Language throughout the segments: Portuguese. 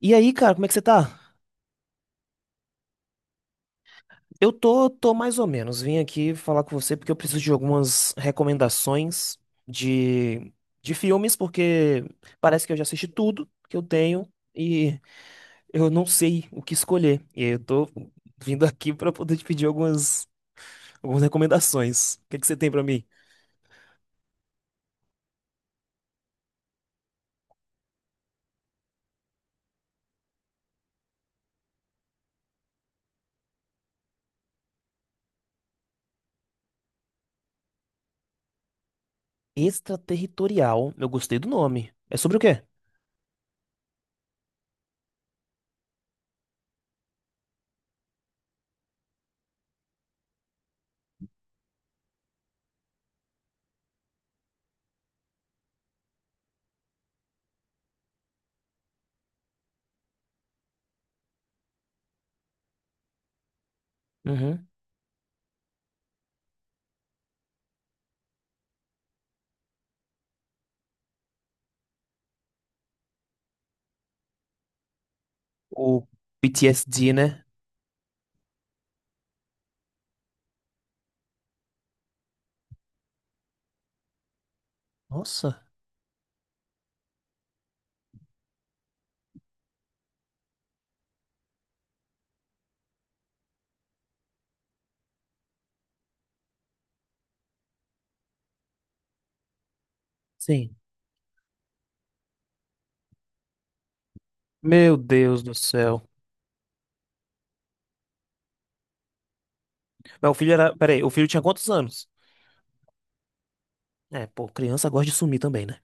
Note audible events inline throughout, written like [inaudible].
E aí, cara, como é que você tá? Eu tô mais ou menos. Vim aqui falar com você porque eu preciso de algumas de, de filmes, porque parece que eu já assisti tudo que eu tenho e eu não sei o que escolher. E aí eu tô vindo aqui pra poder te pedir algumas recomendações. O que é que você tem pra mim? Extraterritorial. Eu gostei do nome. É sobre o quê? Uhum. O PTSD, né? Nossa. Sim. Meu Deus do céu. Mas o filho era. Peraí, o filho tinha quantos anos? É, pô, criança gosta de sumir também, né?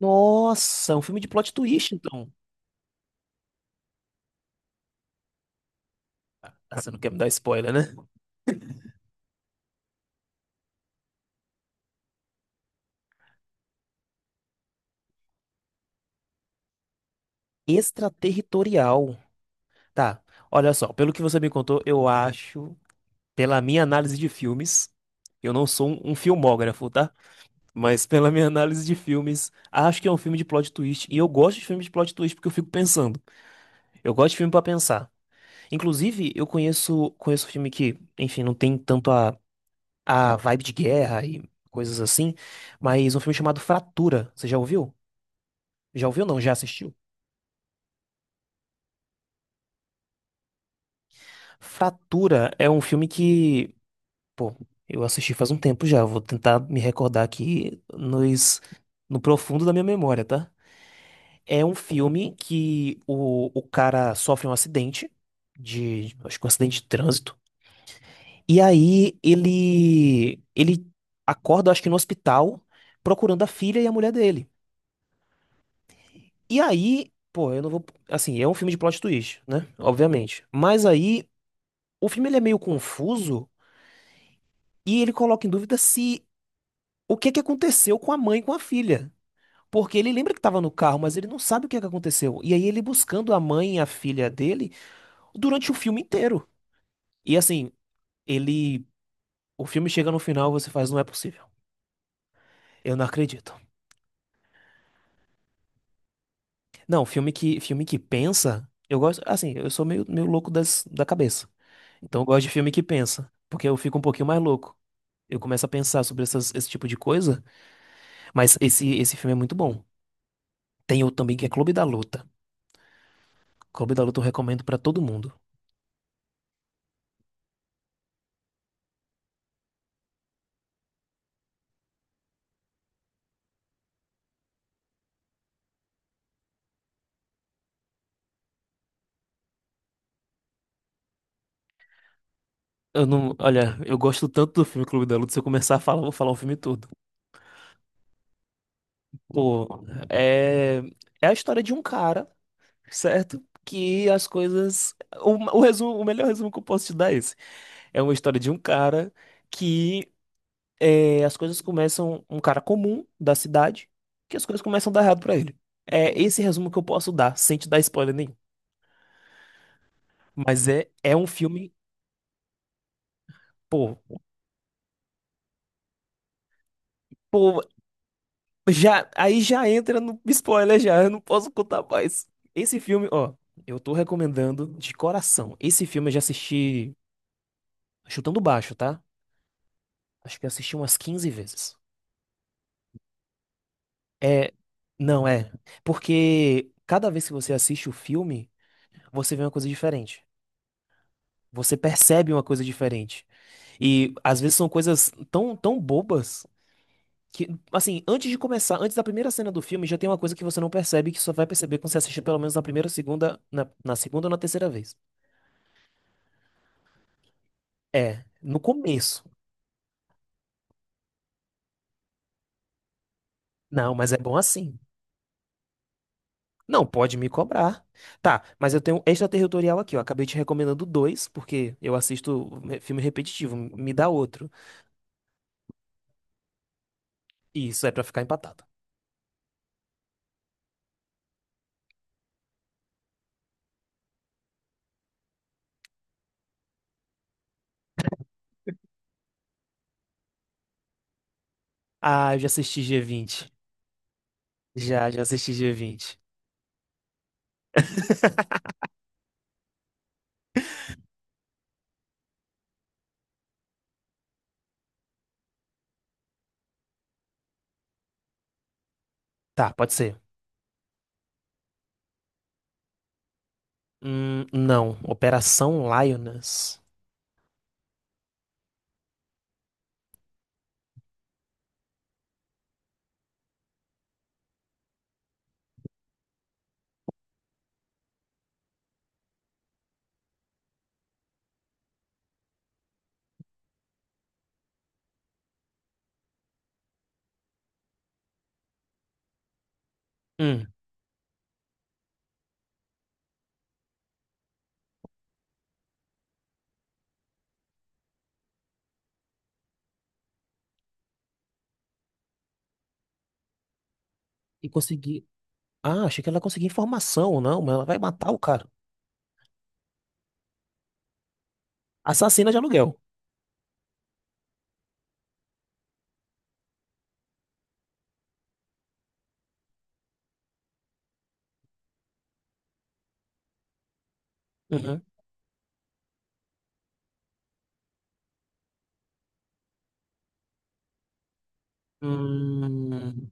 Nossa, é um filme de plot twist, então. Ah, você não quer me dar spoiler, né? Extraterritorial. Tá, olha só, pelo que você me contou, eu acho, pela minha análise de filmes, eu não sou um filmógrafo, tá? Mas pela minha análise de filmes, acho que é um filme de plot twist. E eu gosto de filme de plot twist porque eu fico pensando. Eu gosto de filme pra pensar. Inclusive, conheço filme que, enfim, não tem tanto a vibe de guerra e coisas assim, mas um filme chamado Fratura, você já ouviu? Já ouviu não? Já assistiu? Fratura é um filme que, pô, eu assisti faz um tempo já, vou tentar me recordar no profundo da minha memória, tá? É um filme que o cara sofre um acidente de, acho que um acidente de trânsito, e aí ele acorda, acho que no hospital, procurando a filha e a mulher dele. E aí, pô, eu não vou. Assim, é um filme de plot twist, né? Obviamente. Mas aí, o filme ele é meio confuso e ele coloca em dúvida se o que é que aconteceu com a mãe e com a filha. Porque ele lembra que tava no carro, mas ele não sabe o que é que aconteceu. E aí, ele buscando a mãe e a filha dele durante o filme inteiro. E assim, ele. O filme chega no final, você faz, não é possível. Eu não acredito. Não, filme que pensa, eu gosto. Assim, eu sou meio louco da cabeça. Então eu gosto de filme que pensa, porque eu fico um pouquinho mais louco. Eu começo a pensar sobre esse tipo de coisa, mas esse filme é muito bom. Tem outro também que é Clube da Luta. Clube da Luta eu recomendo pra todo mundo. Eu não, olha, eu gosto tanto do filme Clube da Luta, se eu começar a falar, eu vou falar o filme todo. Pô, é, é a história de um cara certo? Que as coisas. O resumo, o melhor resumo que eu posso te dar é esse. É uma história de um cara que as coisas começam. Um cara comum da cidade, que as coisas começam a dar errado pra ele. É esse resumo que eu posso dar, sem te dar spoiler nenhum. Mas é, é um filme. Pô, pô, já, aí já entra no spoiler já, eu não posso contar mais. Esse filme, ó, eu tô recomendando de coração. Esse filme eu já assisti chutando baixo, tá? Acho que eu assisti umas 15 vezes. É, não é. Porque cada vez que você assiste o filme, você vê uma coisa diferente. Você percebe uma coisa diferente. E às vezes são coisas tão bobas que, assim, antes de começar, antes da primeira cena do filme, já tem uma coisa que você não percebe, que só vai perceber quando você assistir pelo menos na primeira, segunda, na segunda ou na terceira vez. É, no começo. Não, mas é bom assim. Não, pode me cobrar. Tá, mas eu tenho um extraterritorial aqui, ó. Acabei te recomendando dois, porque eu assisto é, filme repetitivo. Me dá outro. E isso é pra ficar empatado. Ah, eu já assisti G20. Já assisti G20. Tá, pode ser. Não. Operação Lioness. Hum, e conseguir. Ah, achei que ela conseguia informação, não, mas ela vai matar o cara. Assassina de aluguel. Uhum. Hum,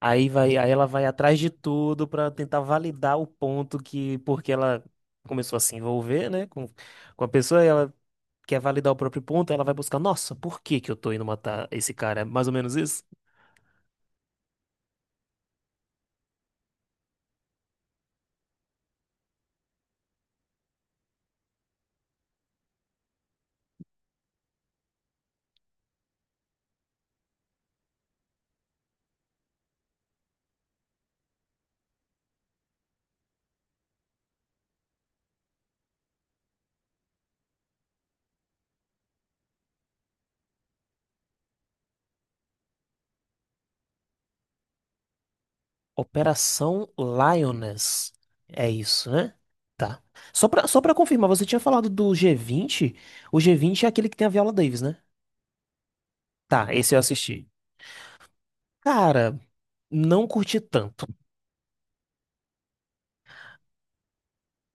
aí vai, aí ela vai atrás de tudo pra tentar validar o ponto que, porque ela começou a se envolver, né, com a pessoa, e ela quer validar o próprio ponto, ela vai buscar, nossa, por que que eu tô indo matar esse cara? É mais ou menos isso? Operação Lioness. É isso, né? Tá. Só pra confirmar, você tinha falado do g vinte? O g vinte é aquele que tem a Viola Davis, né? Tá, esse eu assisti. Cara, não curti tanto.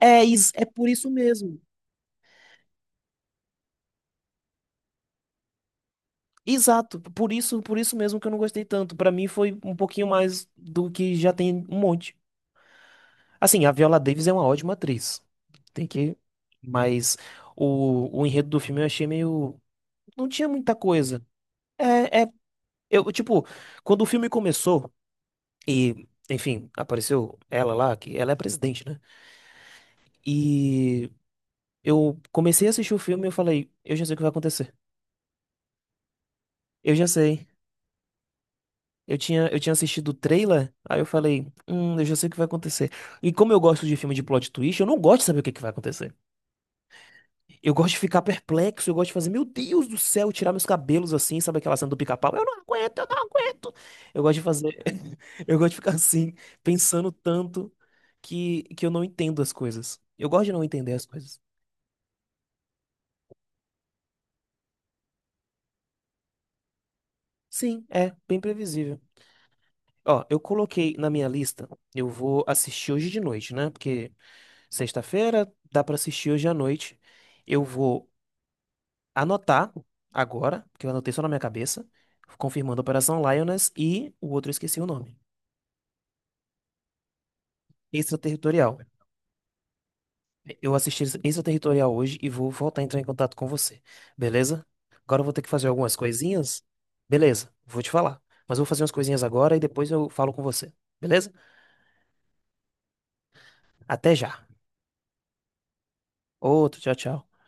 É, é por isso mesmo. Exato, por isso mesmo que eu não gostei tanto. Pra mim foi um pouquinho mais do que já tem um monte. Assim, a Viola Davis é uma ótima atriz. Tem que. Mas o enredo do filme eu achei meio. Não tinha muita coisa. É, é. Eu, tipo, quando o filme começou e, enfim, apareceu ela lá, que ela é presidente, né? E eu comecei a assistir o filme e eu falei, eu já sei o que vai acontecer. Eu já sei. Eu tinha assistido o trailer, aí eu falei, eu já sei o que vai acontecer. E como eu gosto de filme de plot twist, eu não gosto de saber o que que vai acontecer. Eu gosto de ficar perplexo, eu gosto de fazer, meu Deus do céu, tirar meus cabelos assim, sabe aquela cena do pica-pau? Eu não aguento. Eu gosto de fazer, [laughs] eu gosto de ficar assim, pensando tanto que eu não entendo as coisas. Eu gosto de não entender as coisas. Sim, é, bem previsível. Ó, eu coloquei na minha lista, eu vou assistir hoje de noite, né? Porque sexta-feira dá pra assistir hoje à noite. Eu vou anotar agora, porque eu anotei só na minha cabeça, confirmando a Operação Lioness e o outro eu esqueci o nome. Extraterritorial. Eu assisti Extraterritorial hoje e vou voltar a entrar em contato com você. Beleza? Agora eu vou ter que fazer algumas coisinhas. Beleza, vou te falar. Mas eu vou fazer umas coisinhas agora e depois eu falo com você. Beleza? Até já. Outro, tchau, tchau.